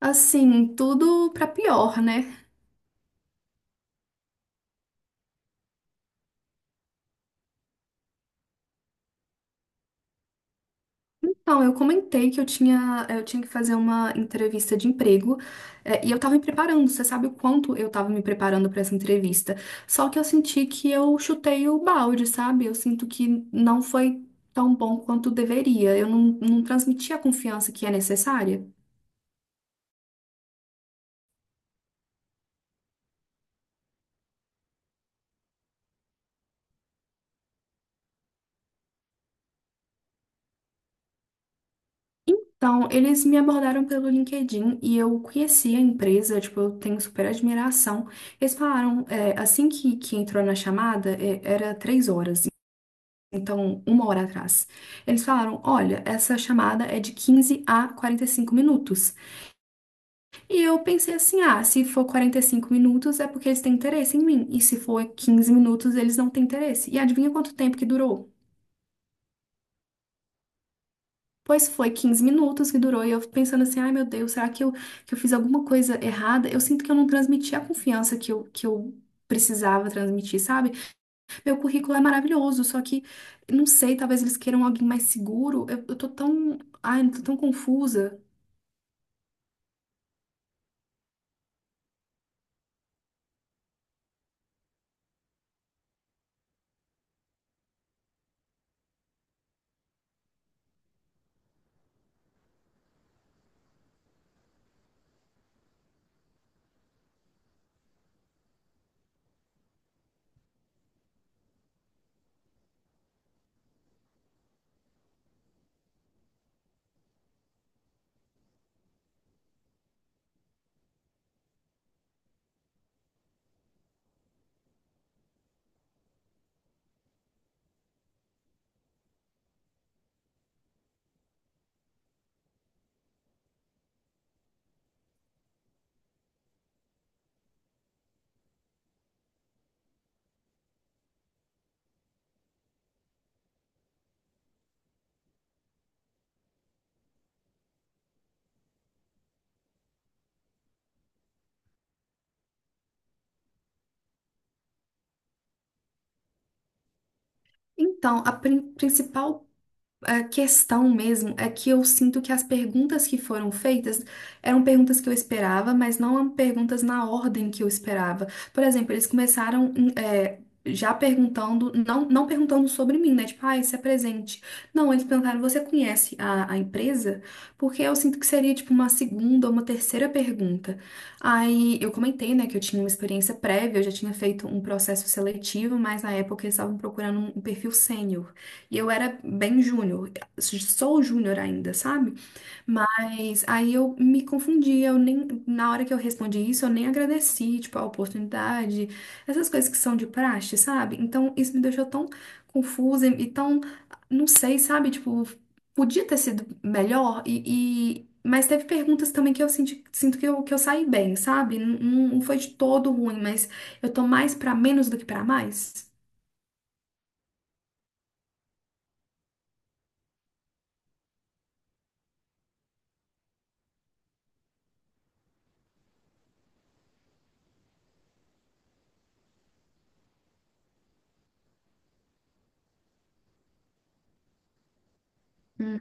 Assim, tudo pra pior, né? Então, eu comentei que eu tinha que fazer uma entrevista de emprego, e eu tava me preparando, você sabe o quanto eu tava me preparando pra essa entrevista. Só que eu senti que eu chutei o balde, sabe? Eu sinto que não foi tão bom quanto deveria. Eu não transmiti a confiança que é necessária. Então, eles me abordaram pelo LinkedIn e eu conheci a empresa, tipo, eu tenho super admiração. Eles falaram, assim que entrou na chamada, era três horas, então uma hora atrás. Eles falaram, olha, essa chamada é de 15 a 45 minutos. E eu pensei assim, ah, se for 45 minutos é porque eles têm interesse em mim, e se for 15 minutos eles não têm interesse. E adivinha quanto tempo que durou? Pois foi 15 minutos que durou e eu pensando assim, ai meu Deus, será que eu fiz alguma coisa errada? Eu sinto que eu não transmiti a confiança que eu precisava transmitir, sabe? Meu currículo é maravilhoso, só que não sei, talvez eles queiram alguém mais seguro. Eu tô tão, ai, eu tô tão confusa. Então, principal. A questão mesmo é que eu sinto que as perguntas que foram feitas eram perguntas que eu esperava, mas não eram perguntas na ordem que eu esperava. Por exemplo, eles começaram já perguntando, não, não perguntando sobre mim, né? Tipo, ah, isso é presente. Não, eles perguntaram, você conhece a empresa? Porque eu sinto que seria tipo uma segunda ou uma terceira pergunta. Aí eu comentei, né, que eu tinha uma experiência prévia, eu já tinha feito um processo seletivo, mas na época eles estavam procurando um perfil sênior. E eu era bem júnior, sou júnior ainda, sabe? Mas aí eu me confundi, eu nem, na hora que eu respondi isso, eu nem agradeci, tipo, a oportunidade, essas coisas que são de praxe, sabe? Então isso me deixou tão confusa e tão, não sei, sabe? Tipo, podia ter sido melhor mas teve perguntas também que eu senti, sinto que eu saí bem, sabe? Não, não foi de todo ruim, mas eu tô mais pra menos do que pra mais. Hum.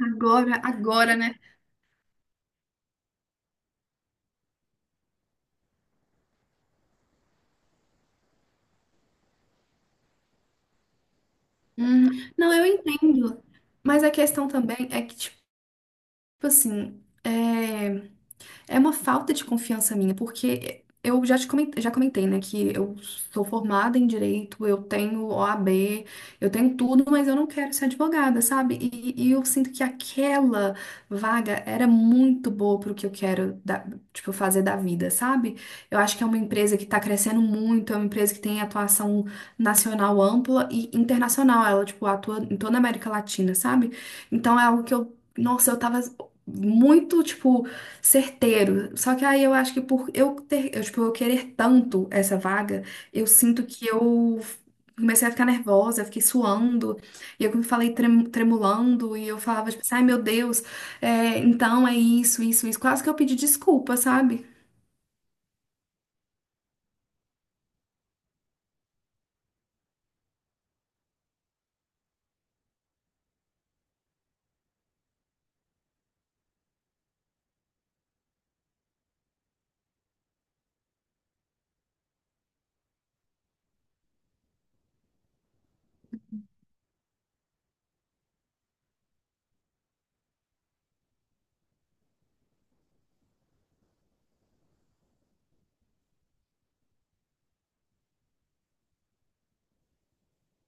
Agora, agora, né? Hum, não, eu entendo. Mas a questão também é que, tipo assim, é uma falta de confiança minha, porque eu já te comentei, já comentei, né, que eu sou formada em direito, eu tenho o OAB, eu tenho tudo, mas eu não quero ser advogada, sabe? E eu sinto que aquela vaga era muito boa pro que eu quero, tipo, fazer da vida, sabe? Eu acho que é uma empresa que tá crescendo muito, é uma empresa que tem atuação nacional ampla e internacional, ela, tipo, atua em toda a América Latina, sabe? Então é algo que eu, nossa, eu tava muito, tipo certeiro. Só que aí eu acho que por eu ter, eu, tipo, eu querer tanto essa vaga, eu sinto que eu comecei a ficar nervosa, eu fiquei suando, e eu falei tremulando, e eu falava, tipo, assim, ai meu Deus, então é isso, isso, isso. Quase que eu pedi desculpa, sabe?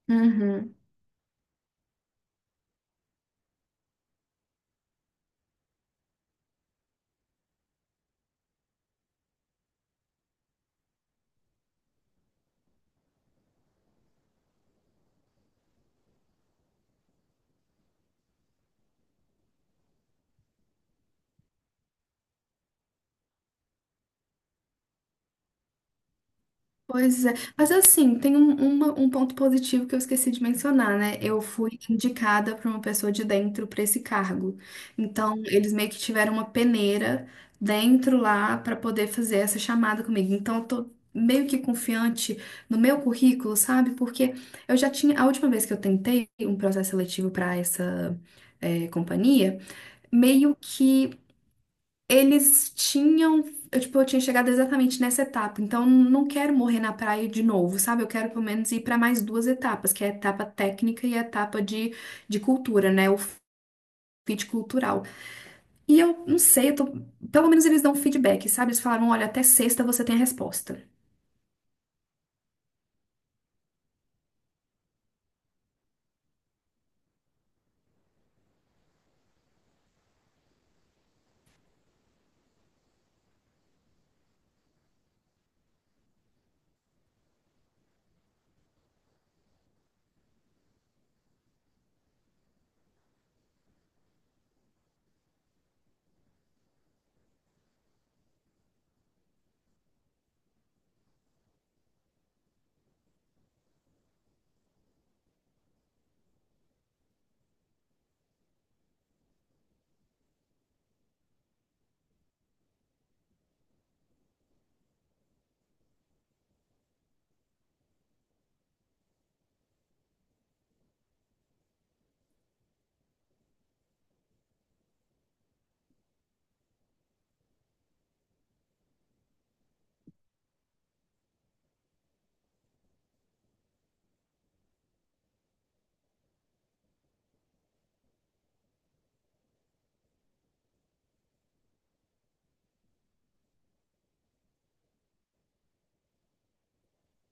Uhum. Pois é, mas assim, tem um ponto positivo que eu esqueci de mencionar, né? Eu fui indicada por uma pessoa de dentro para esse cargo. Então, eles meio que tiveram uma peneira dentro lá para poder fazer essa chamada comigo. Então, eu tô meio que confiante no meu currículo, sabe? Porque eu já tinha, a última vez que eu tentei um processo seletivo para essa companhia, meio que. Eles tinham, eu, tipo, eu tinha chegado exatamente nessa etapa, então não quero morrer na praia de novo, sabe? Eu quero pelo menos ir para mais duas etapas, que é a etapa técnica e a etapa de cultura, né? O fit cultural. E eu não sei, pelo menos eles dão feedback, sabe? Eles falaram, olha, até sexta você tem a resposta.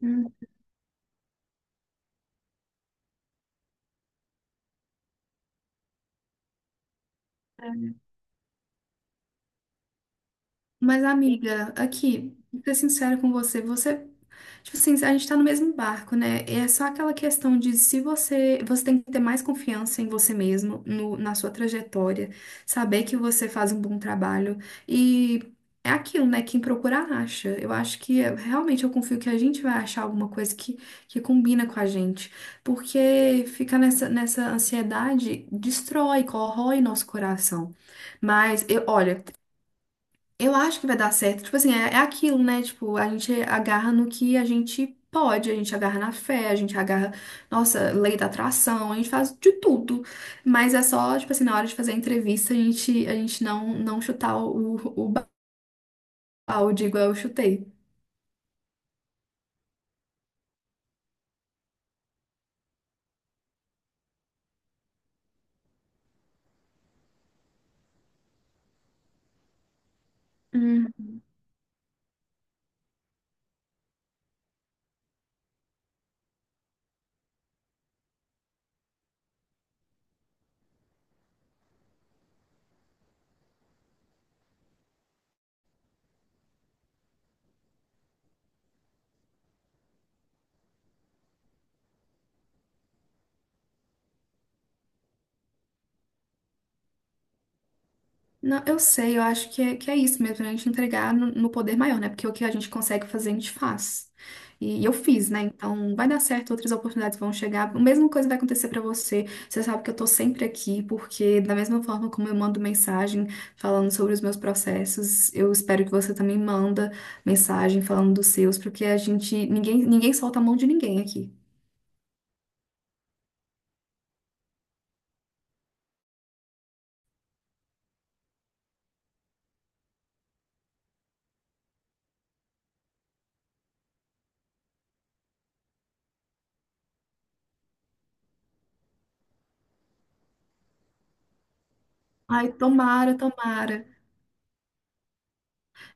Hum. É. Mas, amiga, aqui, vou ser sincero com você, você, tipo assim, a gente tá no mesmo barco, né? É só aquela questão de se você, você tem que ter mais confiança em você mesmo, no, na sua trajetória, saber que você faz um bom trabalho e é aquilo, né? Quem procura acha. Eu acho que realmente eu confio que a gente vai achar alguma coisa que combina com a gente, porque ficar nessa, nessa ansiedade destrói, corrói nosso coração. Mas eu, olha, eu acho que vai dar certo. Tipo assim, é aquilo, né? Tipo, a gente agarra no que a gente pode, a gente agarra na fé, a gente agarra, nossa, lei da atração, a gente faz de tudo. Mas é só, tipo assim, na hora de fazer a entrevista, a gente não, não chutar o balde igual eu chutei. Uhum. Não, eu sei, eu acho que que é isso mesmo, né? A gente entregar no, no poder maior, né? Porque o que a gente consegue fazer, a gente faz. E eu fiz, né? Então vai dar certo, outras oportunidades vão chegar. A mesma coisa vai acontecer pra você. Você sabe que eu tô sempre aqui, porque da mesma forma como eu mando mensagem falando sobre os meus processos, eu espero que você também manda mensagem falando dos seus, porque a gente, ninguém solta a mão de ninguém aqui. Ai, tomara, tomara.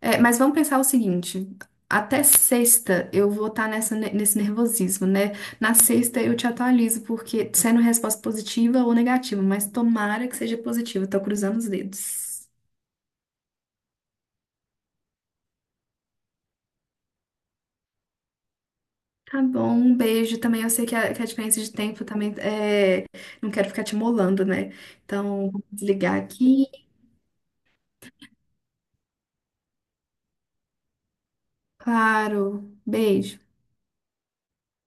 É, mas vamos pensar o seguinte: até sexta eu vou estar nessa, nesse nervosismo, né? Na sexta eu te atualizo, porque sendo resposta positiva ou negativa, mas tomara que seja positiva, tô cruzando os dedos. Tá bom, um beijo também. Eu sei que a diferença de tempo também é. Não quero ficar te molando, né? Então, vou desligar aqui. Claro, beijo.